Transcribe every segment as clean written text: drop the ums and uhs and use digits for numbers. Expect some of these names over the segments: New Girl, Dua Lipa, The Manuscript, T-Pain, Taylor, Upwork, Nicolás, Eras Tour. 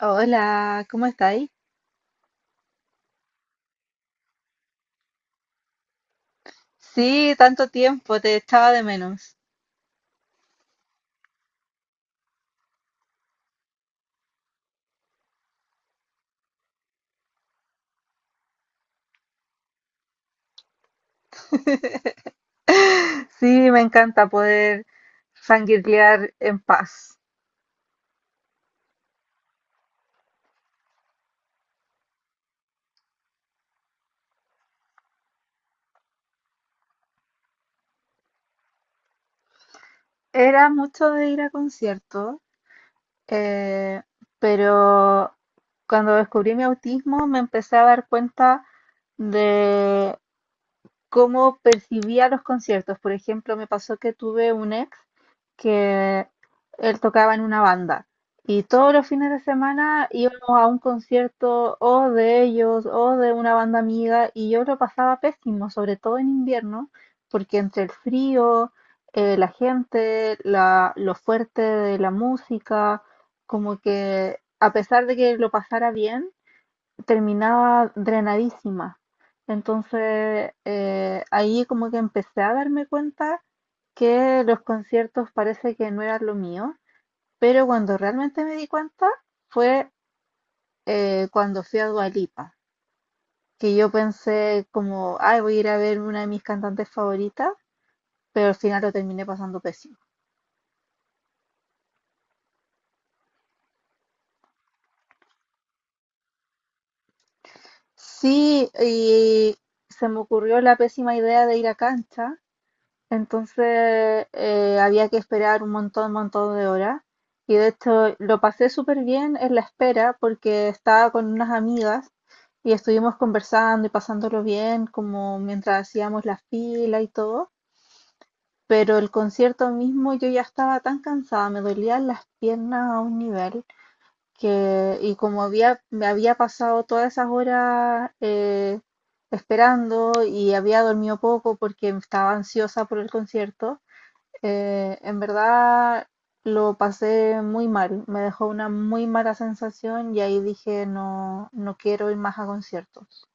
Hola, ¿cómo estáis? Sí, tanto tiempo, te echaba de menos. Sí, me encanta poder fangirlear en paz. Era mucho de ir a conciertos, eh, pero cuando descubrí mi autismo me empecé a dar cuenta de cómo percibía los conciertos. Por ejemplo, me pasó que tuve un ex que él tocaba en una banda y todos los fines de semana íbamos a un concierto o de ellos o de una banda amiga y yo lo pasaba pésimo, sobre todo en invierno, porque entre el frío, la gente, lo fuerte de la música, como que a pesar de que lo pasara bien, terminaba drenadísima. Entonces ahí como que empecé a darme cuenta que los conciertos parece que no eran lo mío, pero cuando realmente me di cuenta fue cuando fui a Dua Lipa, que yo pensé como, ay, voy a ir a ver una de mis cantantes favoritas, pero al final lo terminé pasando pésimo. Sí, y se me ocurrió la pésima idea de ir a cancha. Entonces había que esperar un montón, montón de horas. Y de hecho lo pasé súper bien en la espera porque estaba con unas amigas y estuvimos conversando y pasándolo bien como mientras hacíamos la fila y todo. Pero el concierto mismo yo ya estaba tan cansada, me dolían las piernas a un nivel que, y como había, me había pasado todas esas horas esperando y había dormido poco porque estaba ansiosa por el concierto, en verdad lo pasé muy mal, me dejó una muy mala sensación y ahí dije no, no quiero ir más a conciertos.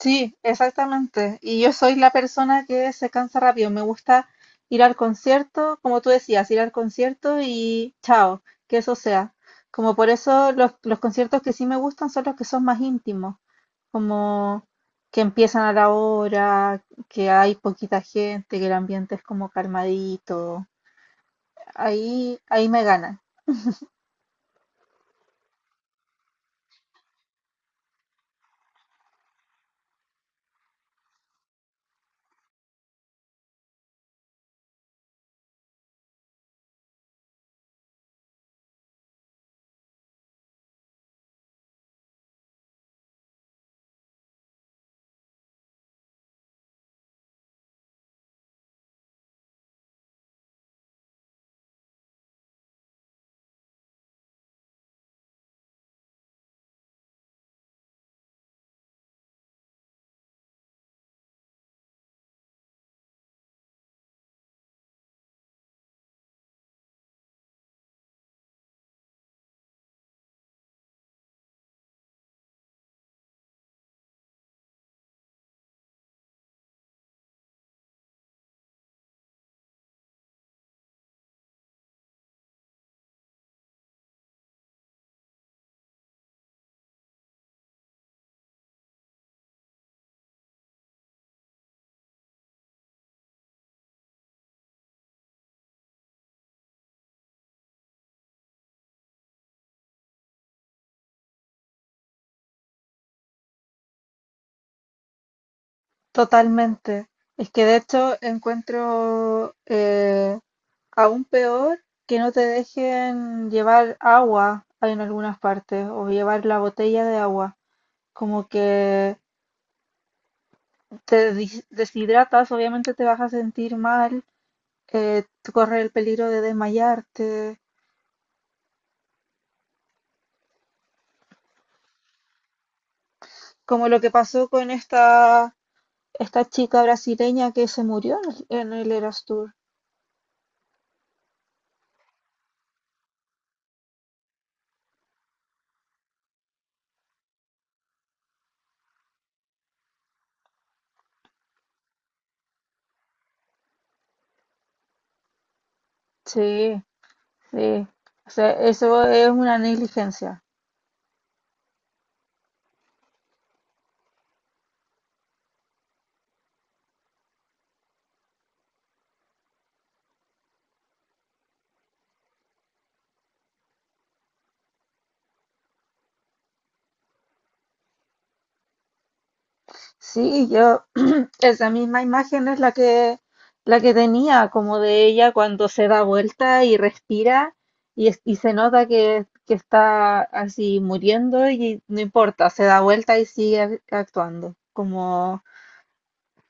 Sí, exactamente. Y yo soy la persona que se cansa rápido. Me gusta ir al concierto, como tú decías, ir al concierto y chao, que eso sea. Como por eso los conciertos que sí me gustan son los que son más íntimos, como que empiezan a la hora, que hay poquita gente, que el ambiente es como calmadito. Ahí, ahí me ganan, totalmente. Es que de hecho encuentro aún peor que no te dejen llevar agua en algunas partes o llevar la botella de agua. Como que te deshidratas, obviamente te vas a sentir mal, eh, corres el peligro de desmayarte. Como lo que pasó con esta, esta chica brasileña que se murió en el Eras Tour. Sí, sí, o sea, eso es una negligencia. Sí, yo, esa misma imagen es la que tenía, como de ella cuando se da vuelta y respira y, y se nota que está así muriendo y no importa, se da vuelta y sigue actuando. Como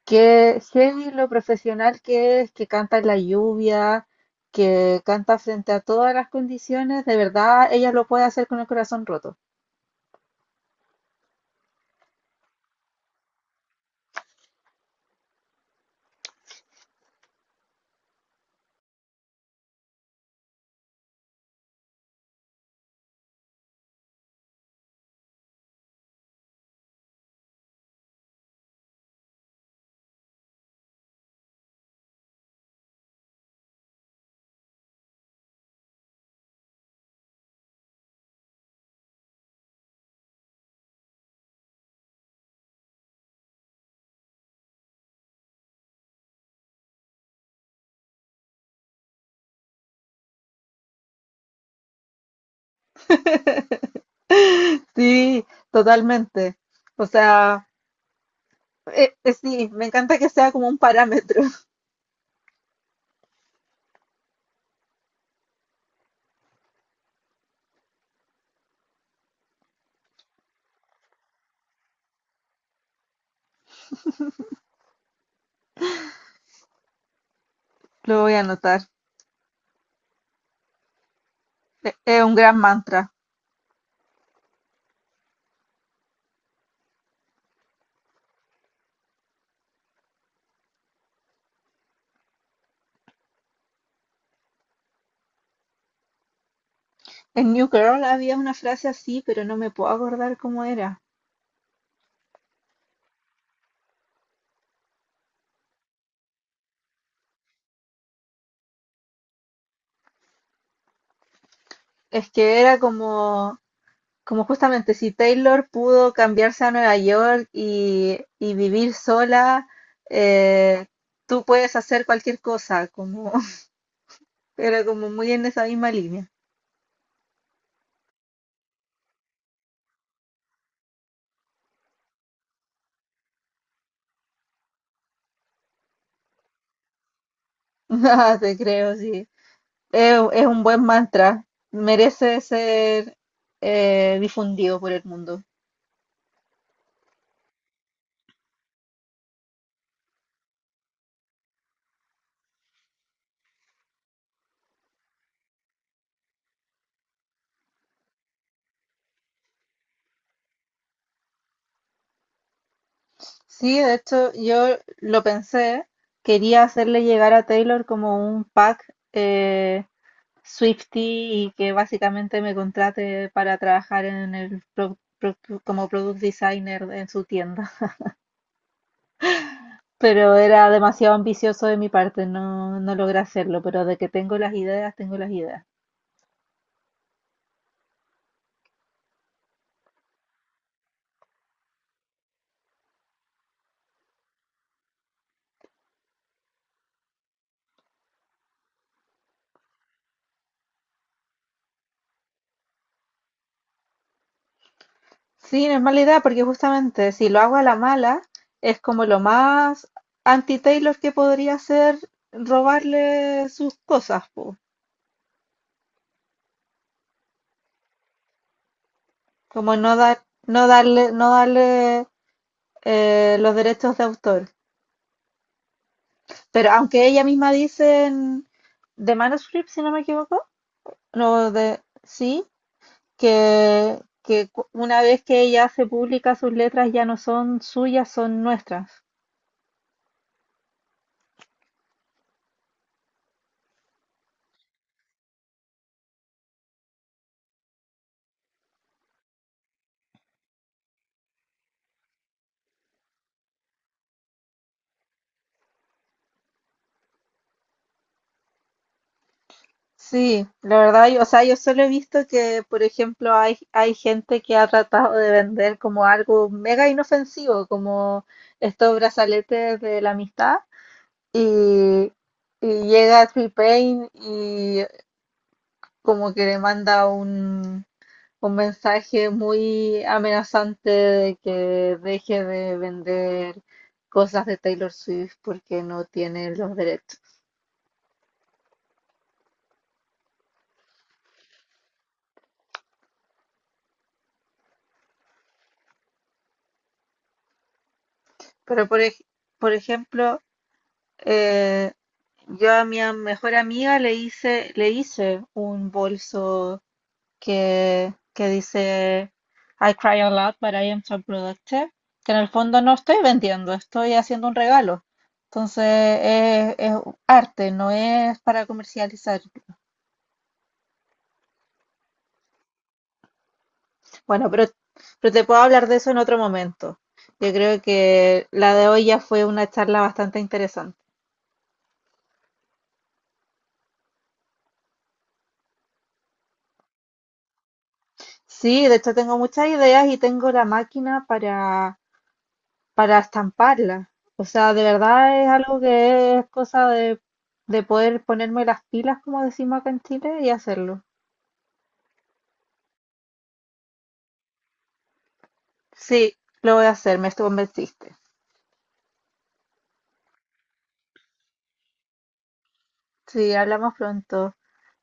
que heavy lo profesional que es, que canta en la lluvia, que canta frente a todas las condiciones, de verdad ella lo puede hacer con el corazón roto. Sí, totalmente. O sea, sí, me encanta que sea como un parámetro. Lo voy a anotar. Es un gran mantra. En New Girl había una frase así, pero no me puedo acordar cómo era. Es que era como, como justamente si Taylor pudo cambiarse a Nueva York y vivir sola, eh, tú puedes hacer cualquier cosa. Como, era como muy en esa misma línea. Ah, te creo, sí. Es un buen mantra, merece ser difundido por el mundo. Sí, de hecho, yo lo pensé, quería hacerle llegar a Taylor como un pack, Swiftie, y que básicamente me contrate para trabajar en el como product designer en su tienda. Pero era demasiado ambicioso de mi parte, no, no logré hacerlo, pero de que tengo las ideas, tengo las ideas. Sí, no es mala idea porque justamente si lo hago a la mala, es como lo más anti-Taylor que podría ser, robarle sus cosas, po. Como no dar, no darle, no darle los derechos de autor. Pero aunque ella misma dice en The Manuscript, si no me equivoco, no, de, sí, que una vez que ella hace pública sus letras ya no son suyas, son nuestras. Sí, la verdad, yo, o sea, yo solo he visto que, por ejemplo, hay gente que ha tratado de vender como algo mega inofensivo, como estos brazaletes de la amistad, y, y llega T-Pain y como que le manda un mensaje muy amenazante de que deje de vender cosas de Taylor Swift porque no tiene los derechos. Pero, por, por ejemplo, Eh, yo a mi mejor amiga le hice un bolso que dice I cry a lot, but I am so productive. Que en el fondo no estoy vendiendo, estoy haciendo un regalo. Entonces es arte, no es para comercializar. Bueno, pero te puedo hablar de eso en otro momento. Yo creo que la de hoy ya fue una charla bastante interesante. Sí, de hecho tengo muchas ideas y tengo la máquina para estamparla. O sea, de verdad es algo que es cosa de poder ponerme las pilas, como decimos acá en Chile, y hacerlo. Sí, lo voy a hacer, me convenciste. Sí, hablamos pronto.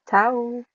Chao.